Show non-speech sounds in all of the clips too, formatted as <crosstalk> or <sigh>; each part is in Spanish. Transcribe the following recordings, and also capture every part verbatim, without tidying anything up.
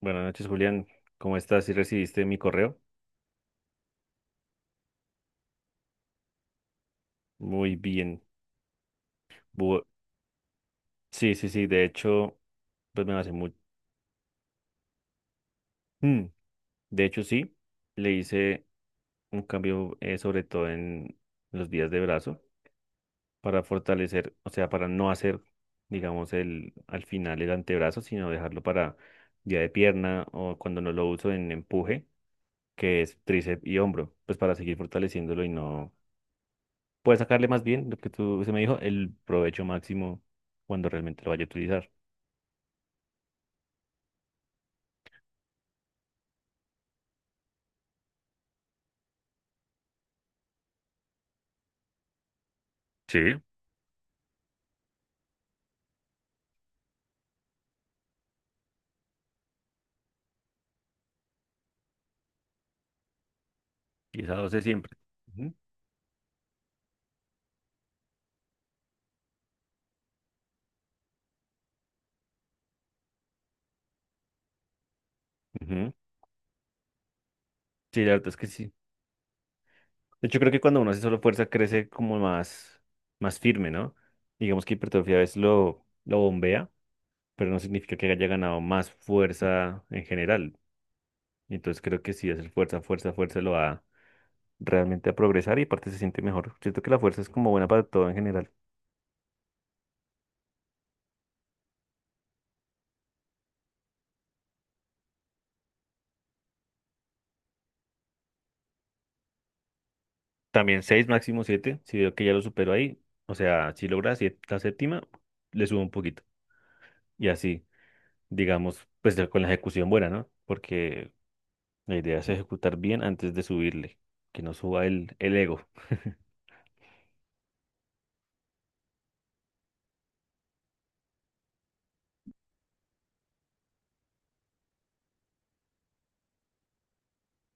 Buenas noches, Julián. ¿Cómo estás? ¿Sí recibiste mi correo? Muy bien. Bu- sí, sí, sí. De hecho, pues me hace muy... Mm, de hecho, sí. Le hice un cambio, eh, sobre todo en los días de brazo, para fortalecer, o sea, para no hacer, digamos, el, al final el antebrazo, sino dejarlo para día de pierna o cuando no lo uso en empuje, que es tríceps y hombro, pues para seguir fortaleciéndolo y no puedes sacarle más bien lo que tú se me dijo, el provecho máximo cuando realmente lo vaya a utilizar. Sí, y esa dosis siempre. Ujú. Ujú. Sí, la verdad es que sí. De hecho, creo que cuando uno hace solo fuerza crece como más, más firme, ¿no? Digamos que hipertrofia a veces lo, lo bombea, pero no significa que haya ganado más fuerza en general. Entonces creo que sí, hacer fuerza, fuerza, fuerza lo va realmente a progresar y aparte se siente mejor. Siento que la fuerza es como buena para todo en general. También seis máximo siete. Si veo que ya lo supero ahí, o sea, si logra siete- la séptima, le subo un poquito. Y así, digamos, pues ya con la ejecución buena, ¿no? Porque la idea es ejecutar bien antes de subirle, que no suba el, el ego.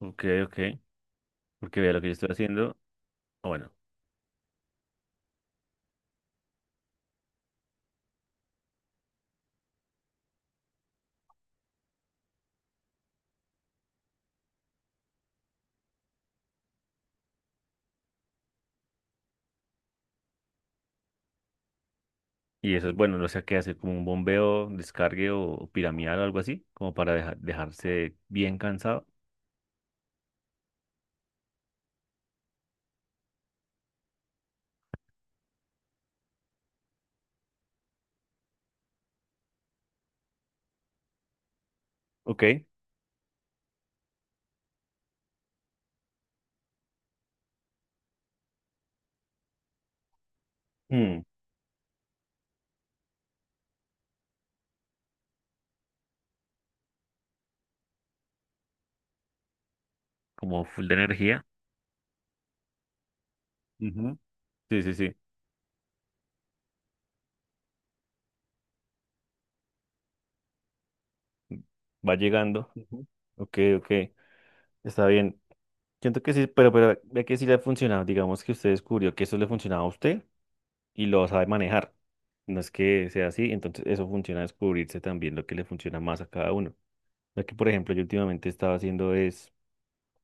Ok, ok. Porque vea lo que yo estoy haciendo. Ah, bueno, y eso es bueno, no sé qué hacer, como un bombeo, descargue o piramidal o algo así, como para deja- dejarse bien cansado. Ok. mm, Como full de energía. Ujú. Sí, sí, sí. Va llegando. Ujú, ujú. Ok, ok. Está bien. Siento que sí, pero, pero ve que sí le ha funcionado. Digamos que usted descubrió que eso le funcionaba a usted y lo sabe manejar. No es que sea así, entonces eso funciona descubrirse también lo que le funciona más a cada uno. Lo que, por ejemplo, yo últimamente estaba haciendo es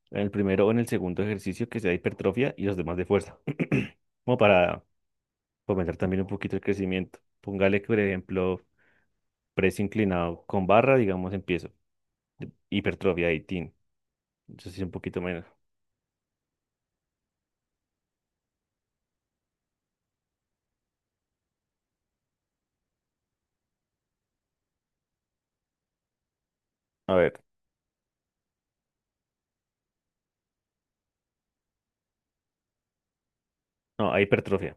en el primero o en el segundo ejercicio que sea hipertrofia y los demás de fuerza. <clears throat> Como para fomentar también un poquito el crecimiento. Póngale que, por ejemplo, press inclinado con barra, digamos, empiezo. Hipertrofia dieciocho. Entonces sí, un poquito menos. A ver. No, a hipertrofia.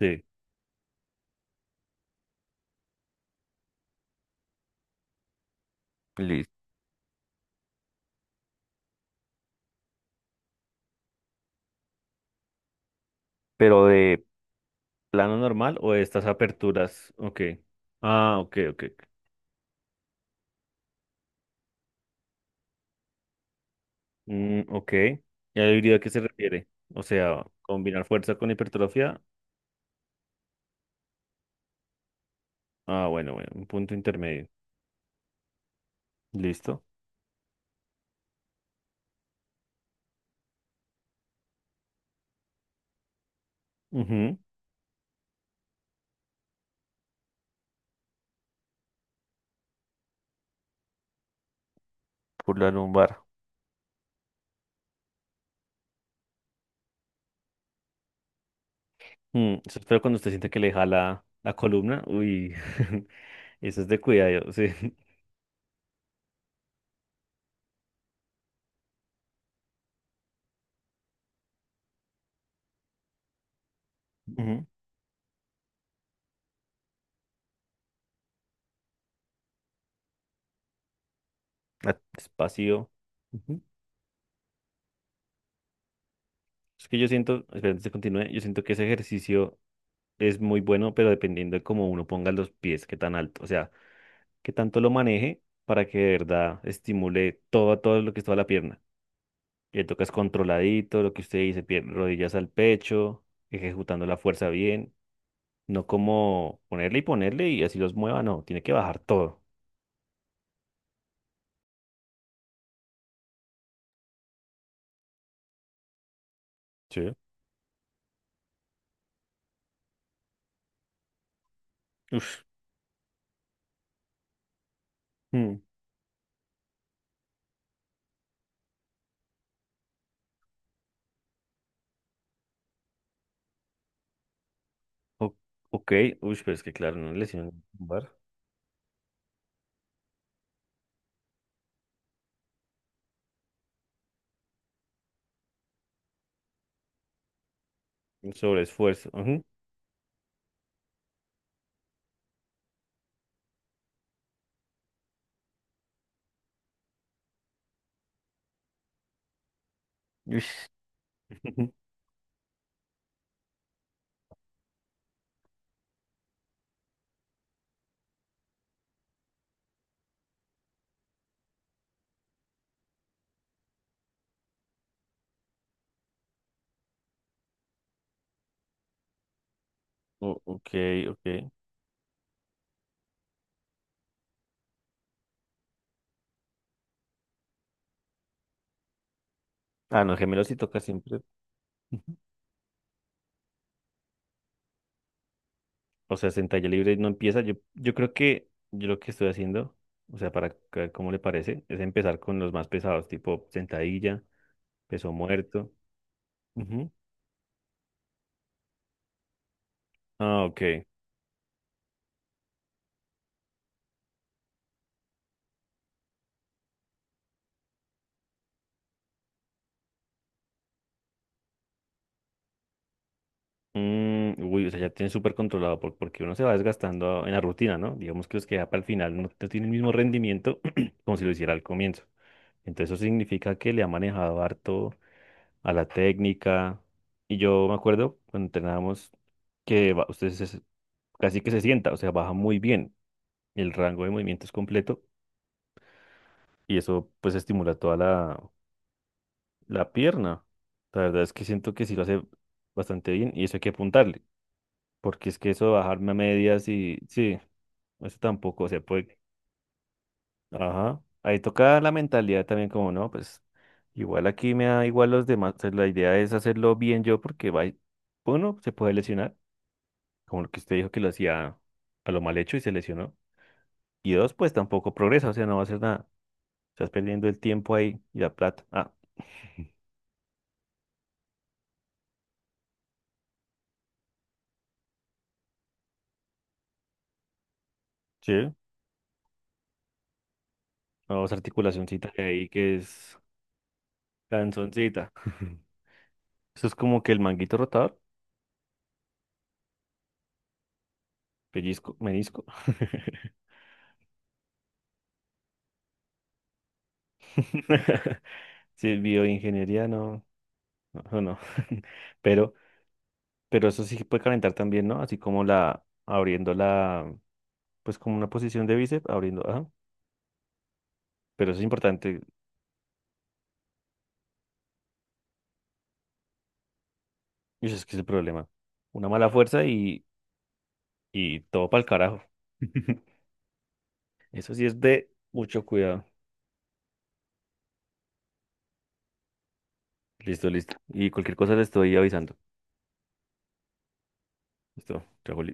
Sí. Pero de plano normal o de estas aperturas. Ok. Ah, ok, ok, ok. Mm, ok. ¿Y la híbrido a qué se refiere? O sea, combinar fuerza con hipertrofia. Ah, bueno, bueno, un punto intermedio. Listo. Ujú. Por la lumbar. Mm, eso es feo cuando usted siente que le jala la columna. Uy, <laughs> eso es de cuidado, <laughs> sí. Ujú. Ah, espacio. Ujú. Es que yo siento, espera, antes de continúe, yo siento que ese ejercicio es muy bueno, pero dependiendo de cómo uno ponga los pies, qué tan alto. O sea, que tanto lo maneje para que de verdad estimule todo, todo lo que es toda la pierna. Le tocas controladito, lo que usted dice, pier- rodillas al pecho, ejecutando la fuerza bien, no como ponerle y ponerle y así los mueva, no, tiene que bajar todo. Sí. Uf. Mm. O- ok, uy, pero es que claro, una lesión, lumbar. Un sobreesfuerzo. Ujú. Ush. <laughs> O- ok, ok. Ah, no, gemelos sí toca siempre. <laughs> O sea, sentalla libre no empieza. Yo, yo creo que yo lo que estoy haciendo, o sea, para ver cómo le parece, es empezar con los más pesados, tipo sentadilla, peso muerto. Ujú. Ah, ok. Mm, uy, o sea, ya tiene súper controlado por- porque uno se va desgastando en la rutina, ¿no? Digamos que los que ya para el final no, no tienen el mismo rendimiento <clears throat> como si lo hiciera al comienzo. Entonces eso significa que le ha manejado harto a la técnica. Y yo me acuerdo cuando entrenábamos que va- usted se- se- casi que se sienta, o sea, baja muy bien. El rango de movimiento es completo y eso pues estimula toda la, la pierna. La verdad es que siento que sí lo hace bastante bien y eso hay que apuntarle, porque es que eso de bajarme a medias y sí, eso tampoco se puede. Ajá. Ahí toca la mentalidad también como, no, pues igual aquí me da igual los demás, o sea, la idea es hacerlo bien yo porque va, uno, se puede lesionar, como lo que usted dijo que lo hacía a lo mal hecho y se lesionó. Y dos, pues tampoco progresa, o sea, no va a hacer nada. Estás perdiendo el tiempo ahí y la plata. Ah. Sí, vamos articulacioncita que hay que es canzoncita. <laughs> Eso es como que el manguito rotador, pellizco, menisco. <laughs> Si es bioingeniería, no, no, no. <laughs> Pero, pero eso sí puede calentar también, ¿no? Así como la, abriendo la, pues como una posición de bíceps, abriendo, ajá. Pero eso es importante, y eso es que es el problema. Una mala fuerza y, y todo para el carajo. <laughs> Eso sí es de mucho cuidado. Listo, listo. Y cualquier cosa le estoy avisando. Listo, trago,